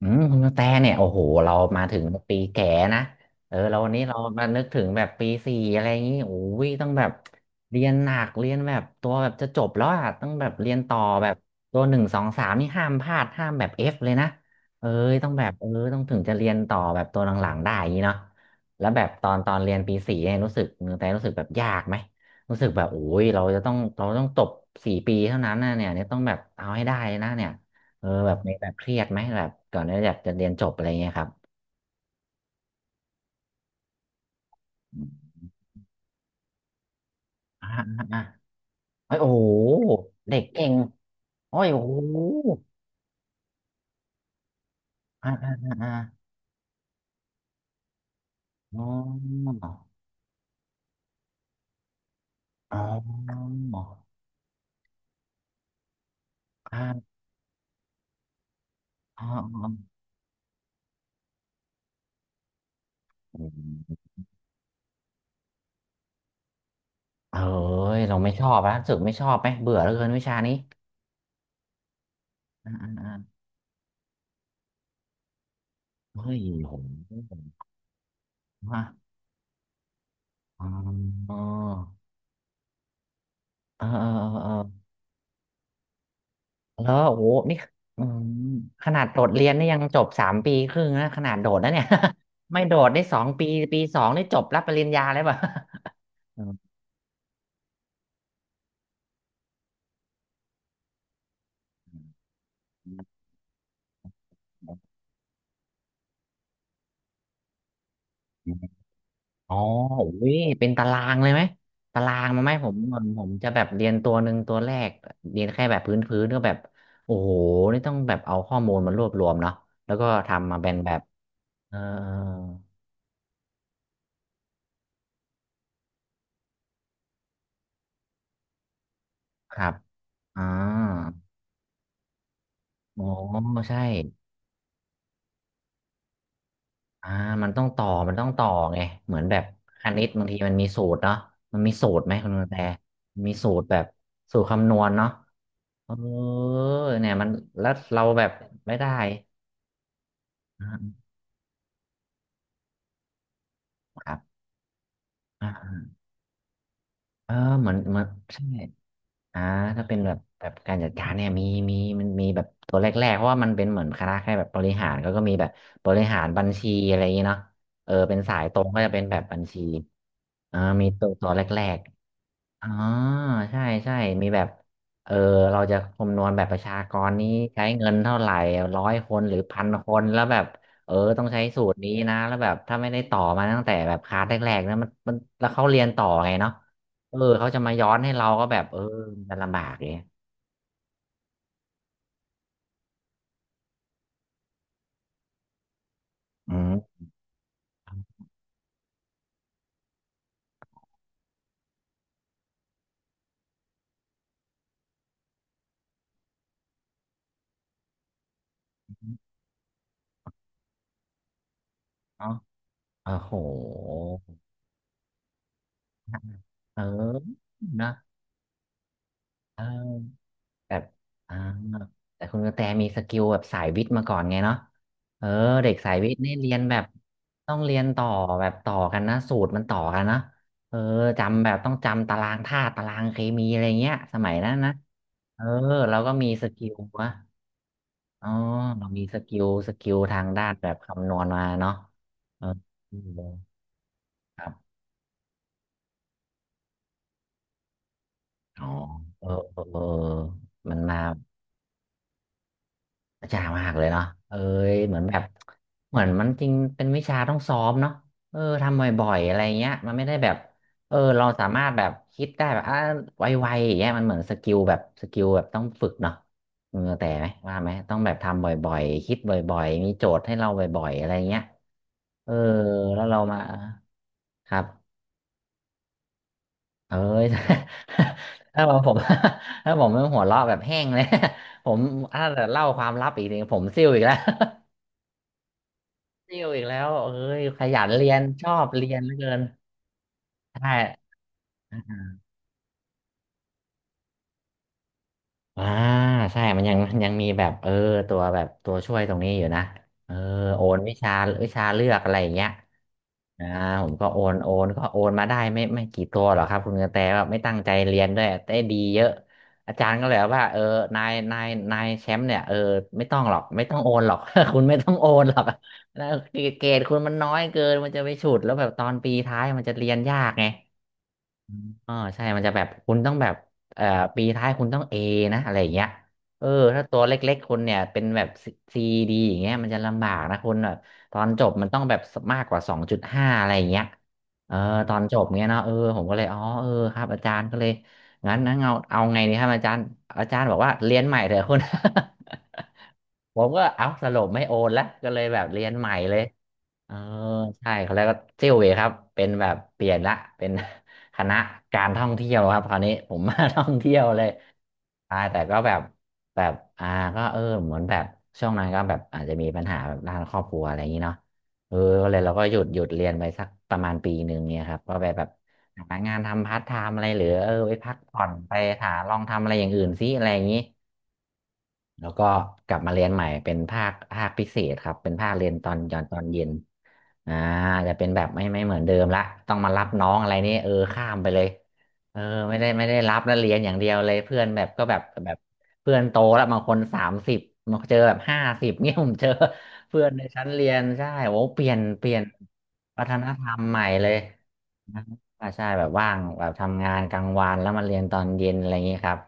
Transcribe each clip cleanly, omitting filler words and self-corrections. อืมคุณกระแตเนี่ยโอ้โหเรามาถึงปีแก่นะเออเราวันนี้เรามานึกถึงแบบปีสี่อะไรอย่างนี้โอ้ยต้องแบบเรียนหนักเรียนแบบตัวแบบจะจบแล้วอ่ะต้องแบบเรียนต่อแบบตัวหนึ่งสองสามนี่ห้ามพลาดห้ามแบบเอฟเลยนะเอ้ยต้องแบบเออต้องถึงจะเรียนต่อแบบตัวหลังๆได้อย่างนี้เนาะแล้วแบบตอนเรียนปีสี่เนี่ยรู้สึกคุณกระแตรู้สึกแบบยากไหมรู้สึกแบบโอ้ยเราต้องจบ4 ปีเท่านั้นนะเนี่ยเนี่ยต้องแบบเอาให้ได้เลยนะเนี่ย เออแบบมีแบบเครียดไหมแบบก่อนที่อยากจะเรียนจบอะไรเงี้ยครับอมอ่าอ่าอ่าเฮ้ยโอ้โหเด็กเก่งโอ้ยโอ้โหอ่าอ่าอ่าอาอ๋ออ๋ออ่าอ๋ออ๋ออืมเอ้ยเราไม่ชอบแล้วรู้สึกไม่ชอบไหมเบื่อเหลือเกินวิชานี้อ่าอ่าอ่าเฮ้ยโหฮะอ๋อเออเออเออ แล้วโอ้โหนี่อืมขนาดโดดเรียนนี่ยังจบ3 ปีครึ่งนะขนาดโดดนะเนี่ย ไม่โดดได้2 ปีปีสองนี่จบรับปริญญาเลยป่ะ อืมอ๋ออุ้ยเป็นตารางเลยไหมตารางมาไหมผมจะแบบเรียนตัวหนึ่งตัวแรกเรียนแค่แบบพื้นพื้นก็แบบโอ้โหนี่ต้องแบบเอาข้อมูลมารวบรวมเนาะแล้วก็ทำมาเป็นแบบเออครับอ่าโอ้ใช่ อ่ามันต้องต่อไงเหมือนแบบคณิตบางทีมันมีสูตรเนาะมันมีสูตรไหมคุณแตมีสูตรแบบสูตรคำนวณเนาะเออเนี่ยมันแล้วเราแบบไม่ได้อ่าครับอ่าเออเหมือนใช่อ่าถ้าเป็นแบบการจัดการเนี่ยมีมันมีแบบตัวแรกๆเพราะว่ามันเป็นเหมือนคณะแค่แบบบริหารก็มีแบบบริหารบัญชีอะไรอย่างเงี้เนาะเออเป็นสายตรงก็จะเป็นแบบบัญชีอ่ามีตัวแรก อ๋อใช่ใช่มีแบบเออเราจะคำนวณแบบประชากรนี้ใช้เงินเท่าไหร่ร้อยคนหรือพันคนแล้วแบบเออต้องใช้สูตรนี้นะแล้วแบบถ้าไม่ได้ต่อมาตั้งแต่แบบคลาสแรกๆนะมันแล้วเขาเรียนต่อไงเนาะเออเขาจะมาย้อนให้เราก็แบบเออมันลำบากเลยอืมเนาะโอ้โหเออนะเออ แบบอ่าแต่คุณกระแตมีสกิลแบบสายวิทย์มาก่อนไงเนาะเออเด็กสายวิทย์นี่เรียนแบบต้องเรียนต่อแบบต่อกันนะสูตรมันต่อกันนะเออจำแบบต้องจำตารางธาตุตารางเคมีอะไรเงี้ยสมัยนั้นนะเออเราก็มีสกิลวะอ๋อเรามีสกิลทางด้านแบบคำนวณมาเนาะเออครับอ๋อเออเออเออมันมา จ้ามากเลยเนาะเอ้ยเหมือนแบบเหมือนมันจริง เป็นวิชาต้องซ้อมเนาะเออ ทำบ่อยๆอะไรเงี้ยมันไม่ได้แบบเออเราสามารถแบบคิดได้แบบอ่ะไวๆอย่างเงี้ยมันเหมือนสกิลแบบสกิลแบบต้องฝึกเนาะเออแต่ไหมว่าไหม ต้องแบบทำบ่อยๆ คิดบ่อยๆมีโจทย์ให้เราบ่อยๆ อะไรเงี้ยเออแล้วเรามาครับเอ้ย ถ้าบอกผม ถ้าผมไม่หัวเราะแบบแห้งเลย ผมถ้าเล่าความลับอีกทีผมซิ่วอีกแล้ว ติวอีกแล้วเอ้ยขยันเรียนชอบเรียนเหลือเกินใช่อ่าใช่มันยังมีแบบเออตัวแบบตัวช่วยตรงนี้อยู่นะเออโอนวิชาวิชาเลือกอะไรอย่างเงี้ยอ่าผมก็โอนโอนก็โอนมาได้ไม่กี่ตัวหรอกครับคุณกระแตแบบไม่ตั้งใจเรียนด้วยแต่ดีเยอะอาจารย์ก็เลยว่าเออนายแชมป์เนี่ยเออไม่ต้องหรอกไม่ต้องโอนหรอก คุณไม่ต้องโอนหรอก นะเกรดคุณมันน้อยเกินมันจะไปฉุดแล้วแบบตอนปีท้ายมันจะเรียนยากไง อ๋อใช่มันจะแบบคุณต้องแบบเอ่อปีท้ายคุณต้องเอนะอะไรอย่างเงี้ยเออถ้าตัวเล็กๆคุณเนี่ยเป็นแบบซีดีอย่างเงี้ยมันจะลำบากนะคุณแบบตอนจบมันต้องแบบมากกว่า2.5อะไรอย่างเงี้ยเออตอนจบเงี้ยเนาะเออผมก็เลยอ๋อเออครับอาจารย์ก็เลยงั้นเอาไงดีครับอาจารย์อาจารย์บอกว่าเรียนใหม่เถอะคุณ ผมก็เอาสรุปไม่โอนแล้วก็เลยแบบเรียนใหม่เลย เออใช่เขาแล้วก็เซิ่ยวเหวยครับเป็นแบบเปลี่ยนละเป็น คณะการท่องเที่ยวครับคราวนี้ผมมา ท่องเที่ยวเลยใช่แต่ก็แบบอ่าก็เออเหมือนแบบช่วงนั้นก็แบบอาจจะมีปัญหาแบบด้านครอบครัวอะไรอย่างนี้เนาะเออก็เลยเราก็หยุดเรียนไปสักประมาณปีหนึ่งเนี่ยครับก็ไปแบบหางานทำพาร์ทไทม์อะไรหรือเออไปพักผ่อนไปหาลองทำอะไรอย่างอื่นซิอะไรอย่างนี้แล้วก็กลับมาเรียนใหม่เป็นภาคพิเศษครับเป็นภาคเรียนตอนเย็น อ่าจะเป็นแบบไม่เหมือนเดิมละต้องมารับน้องอะไรนี่เออข้ามไปเลยเออไม่ได้รับแล้วเรียนอย่างเดียวเลยเพื่อนแบบก็แบบเพื่อนโตแล้วบางคนสามสิบมางคนเจอแบบห้าสิบ เนี่ยผมเจอเพื่อนในชั้นเรียนใช่โอ้เปลี่ยนวัฒนธรรมใหม่เลยนะใช่แบบว่างแบบทำงานกลางวันแล้วมาเรียนตอนเย็นอะไรอย่างนี้ครับ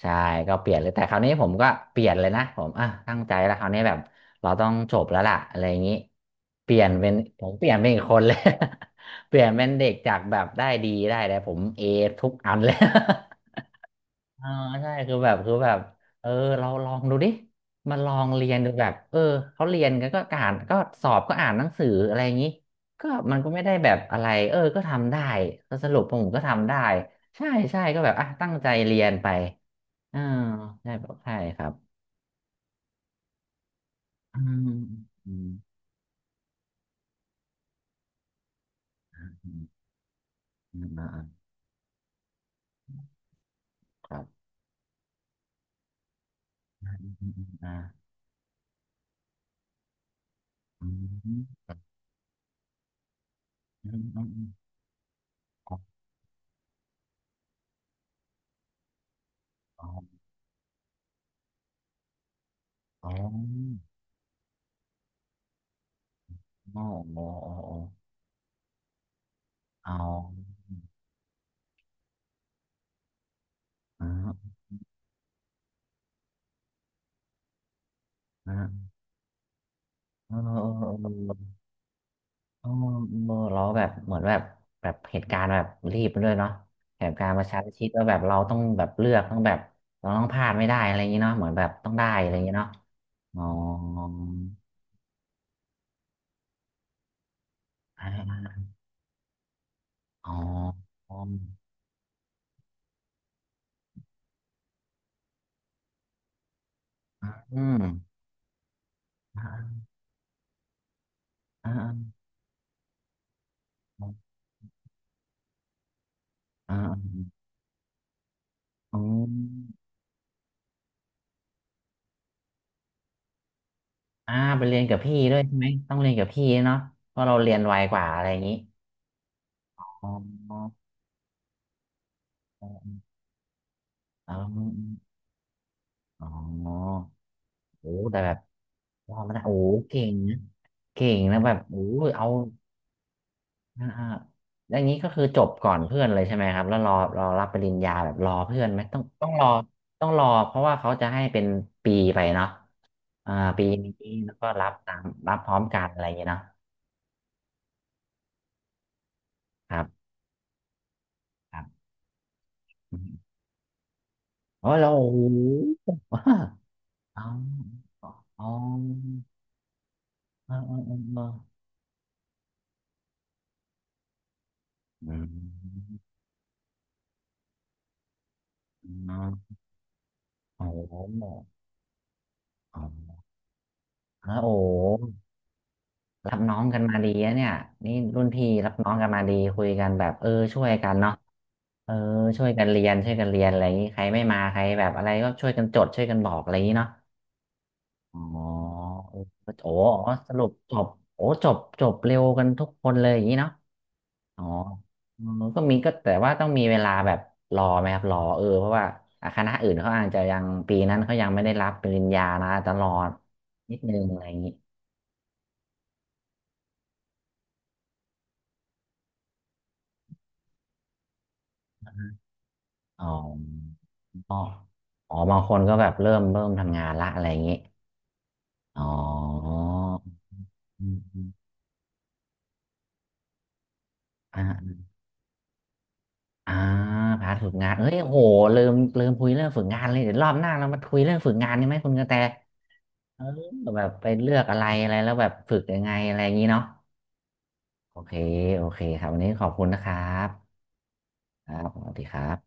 ใช่ก็เปลี่ยนเลยแต่คราวนี้ผมก็เปลี่ยนเลยนะผมอ่ะตั้งใจแล้วคราวนี้แบบเราต้องจบแล้วล่ะอะไรอย่างนี้เปลี่ยนเป็นผมเปลี่ยนเป็นอีกคนเลย เปลี่ยนเป็นเด็กจากแบบได้ดีได้แต่ผมเอทุกอันเลย เออใช่คือแบบเออเราลองดูดิมาลองเรียนดูแบบเออเขาเรียนกันก็อ่านก็สอบก็อ่านหนังสืออะไรอย่างนี้ก็มันก็ไม่ได้แบบอะไรเออก็ทำได้ก็สรุปผมก็ทำได้ใช่ใช่ก็แบบอ่ะตั้งใจเรียนไป อ่าใช่แบบใช่ครับอืมอืมอืมอืมอ่าครับอมอ่าอืมอืมอืมอ๋ออ๋ออ๋ออ๋ออ๋ออ๋ออ๋ออ๋อเออเออเราแบบเหมือนแบบแบบเหตุการณ์แบบรีบด้วยเนาะเหตุการณ์ประชันชิดแล้วแบบเราต้องแบบเลือกต้องแบบเราต้องพลาดไม่ได้อะไรอย่างนี้เนาะเหมือนแบบต้องได้อะไรอย่างนี้เนาะอ๋ออ๋ออออืม อ่าอ่าอ่าอ๋ออ่าไปเรียนกับพี่ด้วยใช่ไหม ต้องเรียนกับพี่เนาะเพราะเราเรียนไวกว่าอะไรอย่างนี้อ๋ออ๋ออ๋อโอ้แต่แบบว่ามันโอ้เก่งนะเก่งนะแบบโอ้เอาอ่าอ่าแล้วอย่างนี้ก็คือจบก่อนเพื่อนเลยใช่ไหมครับแล้วรอรับปริญญาแบบรอเพื่อนไหมต้องรอต้องรอเพราะว่าเขาจะให้เป็นปีไปเนาะอ่าปีนี้แล้วก็รับตามรับพร้อมกันอะไรอย่างเงี้ยเนาะครับ อืมอ๋อเราโอ้โหอ๋ออ๋ออ๋ออ๋ออ๋ออ๋ออืมอ๋อโอโหอ๋อโอ้โหรับน้องกันมาดีอะเนี่ยนี่รุ่นพี่รับน้องกันมาดีคุยกันแบบเออช่วยกันเนาะเออช่วยกันเรียนช่วยกันเรียนอะไรอย่างนี้ใครไม่มาใครแบบอะไรก็ช่วยกันจดช่วยกันบอกอะไรอย่างนี้เนาะอ๋อเออโอ้โหสรุปจบโอ้จบจบเร็วกันทุกคนเลยอย่างนี้เนาะ อ๋ออืมก็มีก็แต่ว่าต้องมีเวลาแบบรอไหมครับรอเออเพราะว่าอ่ะคณะอื่นเขาอาจจะยังปีนั้นเขายังไม่ได้รับปริญญานะตลออนิดนึงอะไรอย่างนี้อ๋ออ๋ออ๋อบางคนก็แบบเริ่มทำงานละอะไรอย่างนี้อ๋ออืมอืมอ่าอ่าพาร์ทฝึกงานเอ้ยโหลืมคุยเรื่องฝึกงานเลยเดี๋ยวรอบหน้าเรามาคุยเรื่องฝึกงานนี่ไหมคุณกระแตเออแบบไปเลือกอะไรอะไรแล้วแบบฝึกยังไงอะไรอย่างนี้เนาะ โอเค โอเคครับ วันนี้ขอบคุณนะครับครับสวัสดีครับ